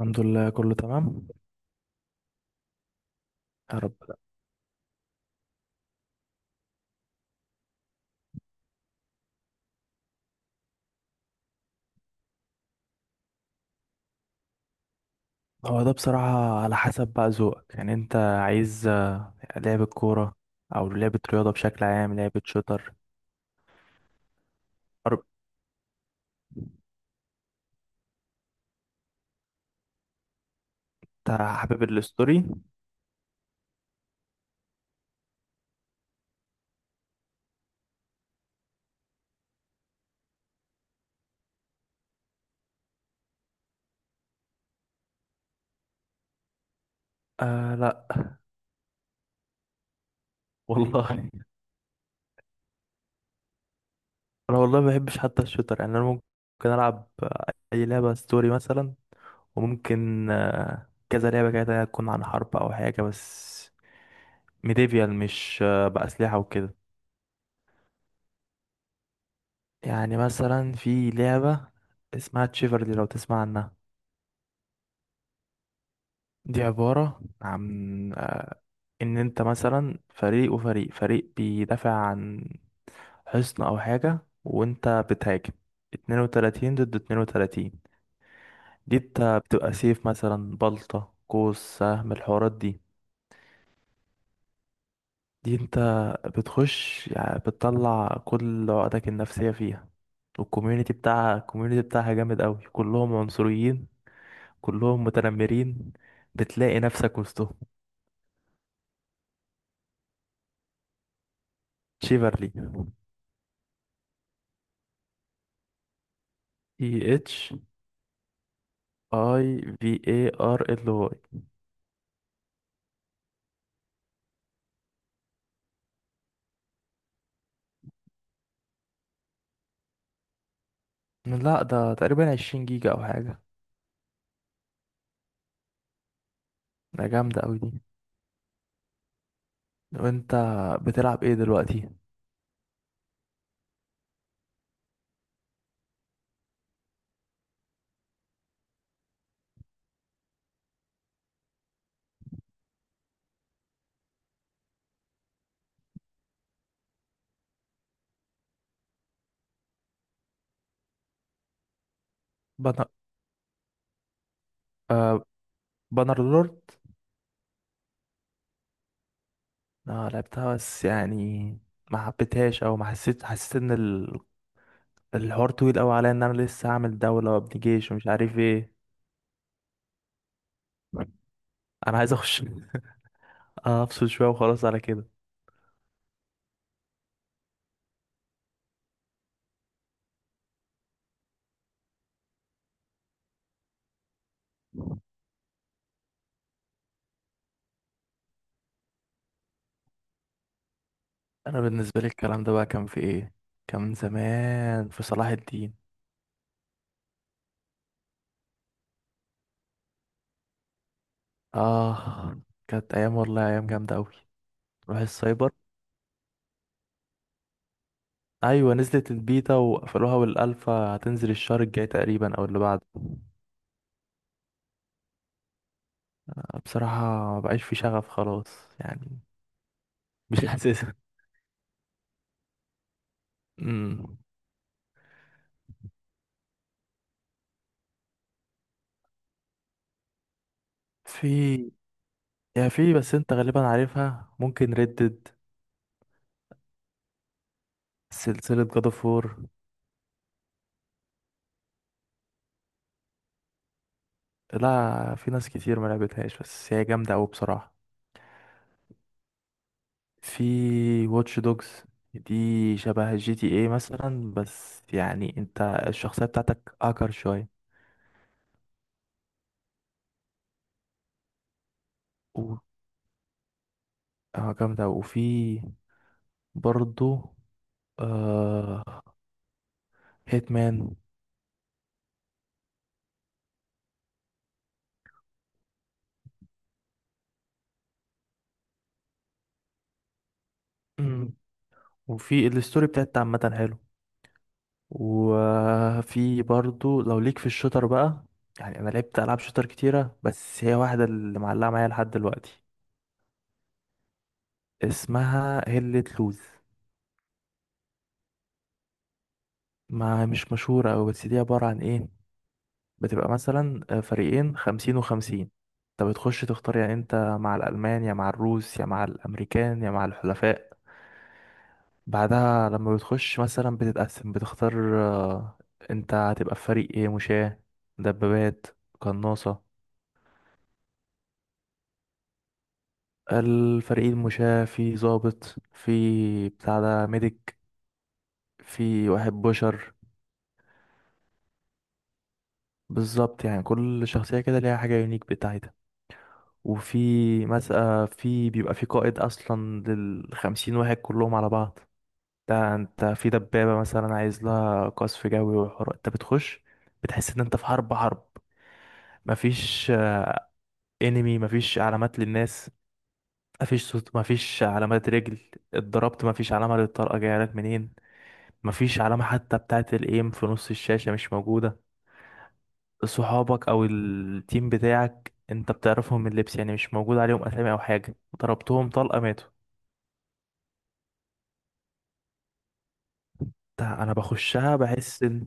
الحمد لله، كله تمام. يا رب. هو ده بصراحة على حسب بقى ذوقك، يعني انت عايز لعبة كورة او لعبة رياضة بشكل عام، لعبة شوتر، حرب؟ انت حابب الستوري؟ لا والله. انا والله ما بحبش حتى الشوتر، يعني انا ممكن العب اي لعبة ستوري مثلا. وممكن كذا لعبة كده تكون عن حرب او حاجة، بس ميديفيال، مش بأسلحة وكده. يعني مثلا في لعبة اسمها تشيفرلي، لو تسمع عنها. دي عبارة عن إن أنت مثلا فريق، وفريق بيدافع عن حصن أو حاجة، وأنت بتهاجم. 32 ضد 32. دي أنت بتبقى سيف مثلا، بلطة، قوس، سهم، الحوارات دي. دي أنت بتخش، يعني بتطلع كل عقدك النفسية فيها. والكوميونيتي بتاعها الكوميونيتي بتاعها جامد أوي، كلهم عنصريين، كلهم متنمرين، بتلاقي نفسك وسطهم. شيفرلي: اي اتش اي في اي ار ال واي. لا، ده تقريبا 20 جيجا او حاجه. ده جامده قوي دي. وانت بتلعب ايه دلوقتي؟ بانر آه بانر لورد. اه لعبتها، بس يعني ما حبيتهاش، او ما حسيت الحوار طويل قوي عليا، ان انا لسه هعمل دوله وابني جيش ومش عارف ايه. انا عايز اخش افصل شويه وخلاص على كده. انا بالنسبه لي الكلام ده بقى كان في ايه، كان من زمان، في صلاح الدين. اه، كانت ايام، والله ايام جامده قوي. روح السايبر. ايوه، نزلت البيتا وقفلوها، والالفا هتنزل الشهر الجاي تقريبا او اللي بعده. بصراحه، ما بقاش في شغف خلاص، يعني مش حاسسها. امم في، يا في، بس انت غالبا عارفها، ممكن ردد: سلسله جاد اوف وور. لا، في ناس كتير ما لعبتهاش، بس هي جامده قوي بصراحه. في واتش دوجز، دي شبه جي تي ايه مثلا، بس يعني انت الشخصيه بتاعتك اكر شويه. و- اه جامده. وفي برضو آه هيتمان. مم. وفي الستوري بتاعت عامة حلو. وفي برضو لو ليك في الشوتر بقى، يعني انا لعبت العاب شوتر كتيرة، بس هي واحدة اللي معلقة معايا لحد دلوقتي، اسمها هيلة لوز. ما مش مشهورة أوي، بس دي عبارة عن ايه؟ بتبقى مثلا فريقين، 50 و50. انت بتخش تختار، يعني انت مع الألمان، يا مع الروس، يا مع الأمريكان، يا مع الحلفاء. بعدها لما بتخش مثلا بتتقسم، بتختار انت هتبقى في فريق ايه، مشاة، دبابات، قناصة. الفريق المشاة في ضابط، في بتاع ده ميديك، في واحد بشر. بالظبط، يعني كل شخصية كده ليها حاجة يونيك بتاعتها. وفي مثلا، في بيبقى في قائد أصلا للخمسين واحد كلهم على بعض. ده انت في دبابة مثلا عايز لها قصف جوي وحوار، انت بتخش، بتحس ان انت في حرب حرب. مفيش انمي، مفيش علامات للناس، مفيش صوت، مفيش علامات رجل اتضربت، مفيش علامة للطلقة جاية لك منين، مفيش علامة حتى بتاعة الايم في نص الشاشة، مش موجودة. صحابك او التيم بتاعك انت بتعرفهم من اللبس، يعني مش موجود عليهم اسامي او حاجة. ضربتهم طلقة، ماتوا. ده انا بخشها بحس ان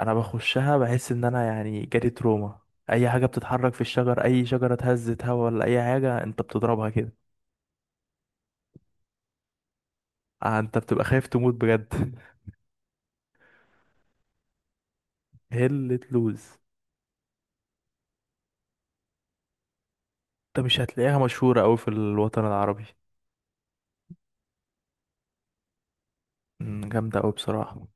انا يعني جالي تروما. اي حاجة بتتحرك في الشجر، اي شجرة اتهزت، هوا ولا اي حاجة، انت بتضربها كده. انت بتبقى خايف تموت بجد. هلة لوز، ده مش هتلاقيها مشهورة أوي في الوطن العربي. جامدة أوي بصراحة.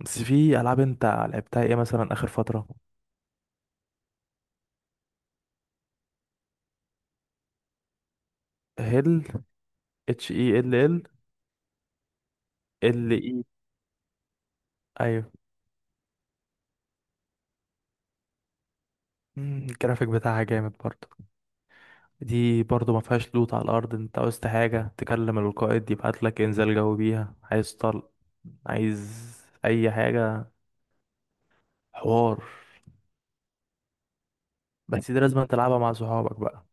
بس في ألعاب أنت لعبتها إيه مثلا آخر فترة؟ هيل، اتش اي ال ال، ال اي. أيوة. الجرافيك بتاعها جامد برضه. دي برضه ما فيهاش لوت على الأرض، أنت عاوزت حاجة تكلم القائد يبعت لك إنزال جوي بيها، عايز طلق، عايز أي حاجة، حوار. بس دي لازم تلعبها مع صحابك بقى.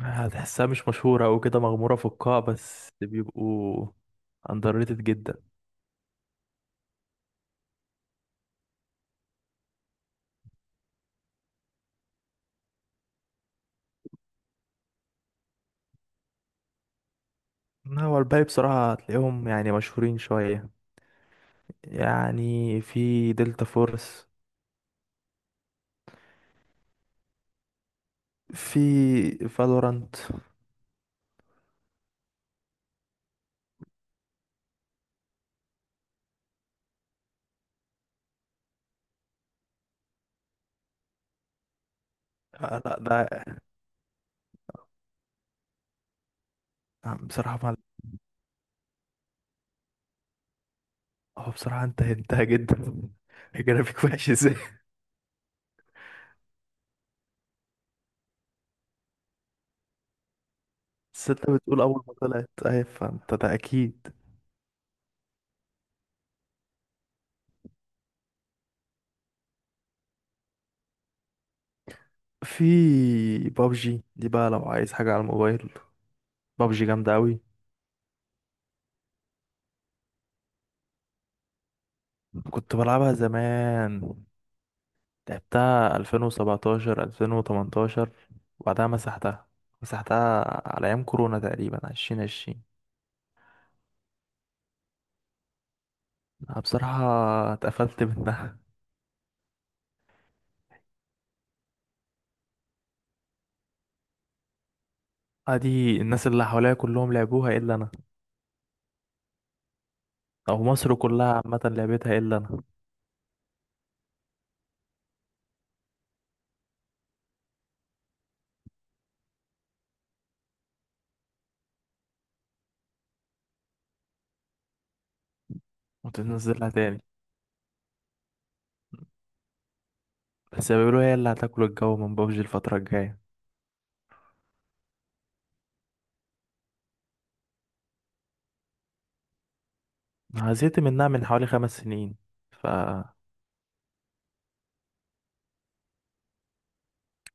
هتحسها مش مشهورة أو كده، مغمورة في القاع، بس بيبقوا underrated جدا. هو الباقي بصراحة هتلاقيهم يعني مشهورين شوية. يعني في دلتا فورس، في فالورانت. آه لا ده آه بصراحة، ما هو بصراحة انت هنتها جدا. الجرافيك وحش ازاي. بس انت بتقول أول ما طلعت، أهي، فانت ده أكيد. في بابجي دي بقى، لو عايز حاجة على الموبايل، بابجي جامدة أوي. كنت بلعبها زمان، لعبتها 2017 2018، وبعدها مسحتها على أيام كورونا تقريبا 2020. أنا بصراحة اتقفلت منها. ادي الناس اللي حواليا كلهم لعبوها الا انا، او مصر كلها عامة لعبتها الا انا. وتنزلها تاني. بس بيقولوا هي اللي هتاكل الجو من بابجي الفترة الجاية. أنا زهقت منها من حوالي 5 سنين. ف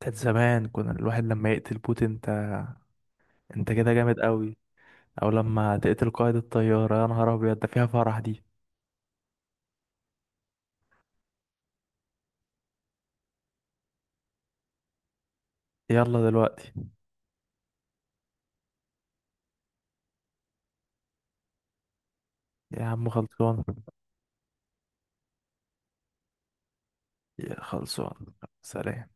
كانت زمان كنا الواحد لما يقتل بوت انت كده جامد قوي. او لما تقتل قائد الطيارة، يا نهار ابيض، ده فيها فرح دي. يلا دلوقتي. يا عم، خلصان. يا خلصان. سلام.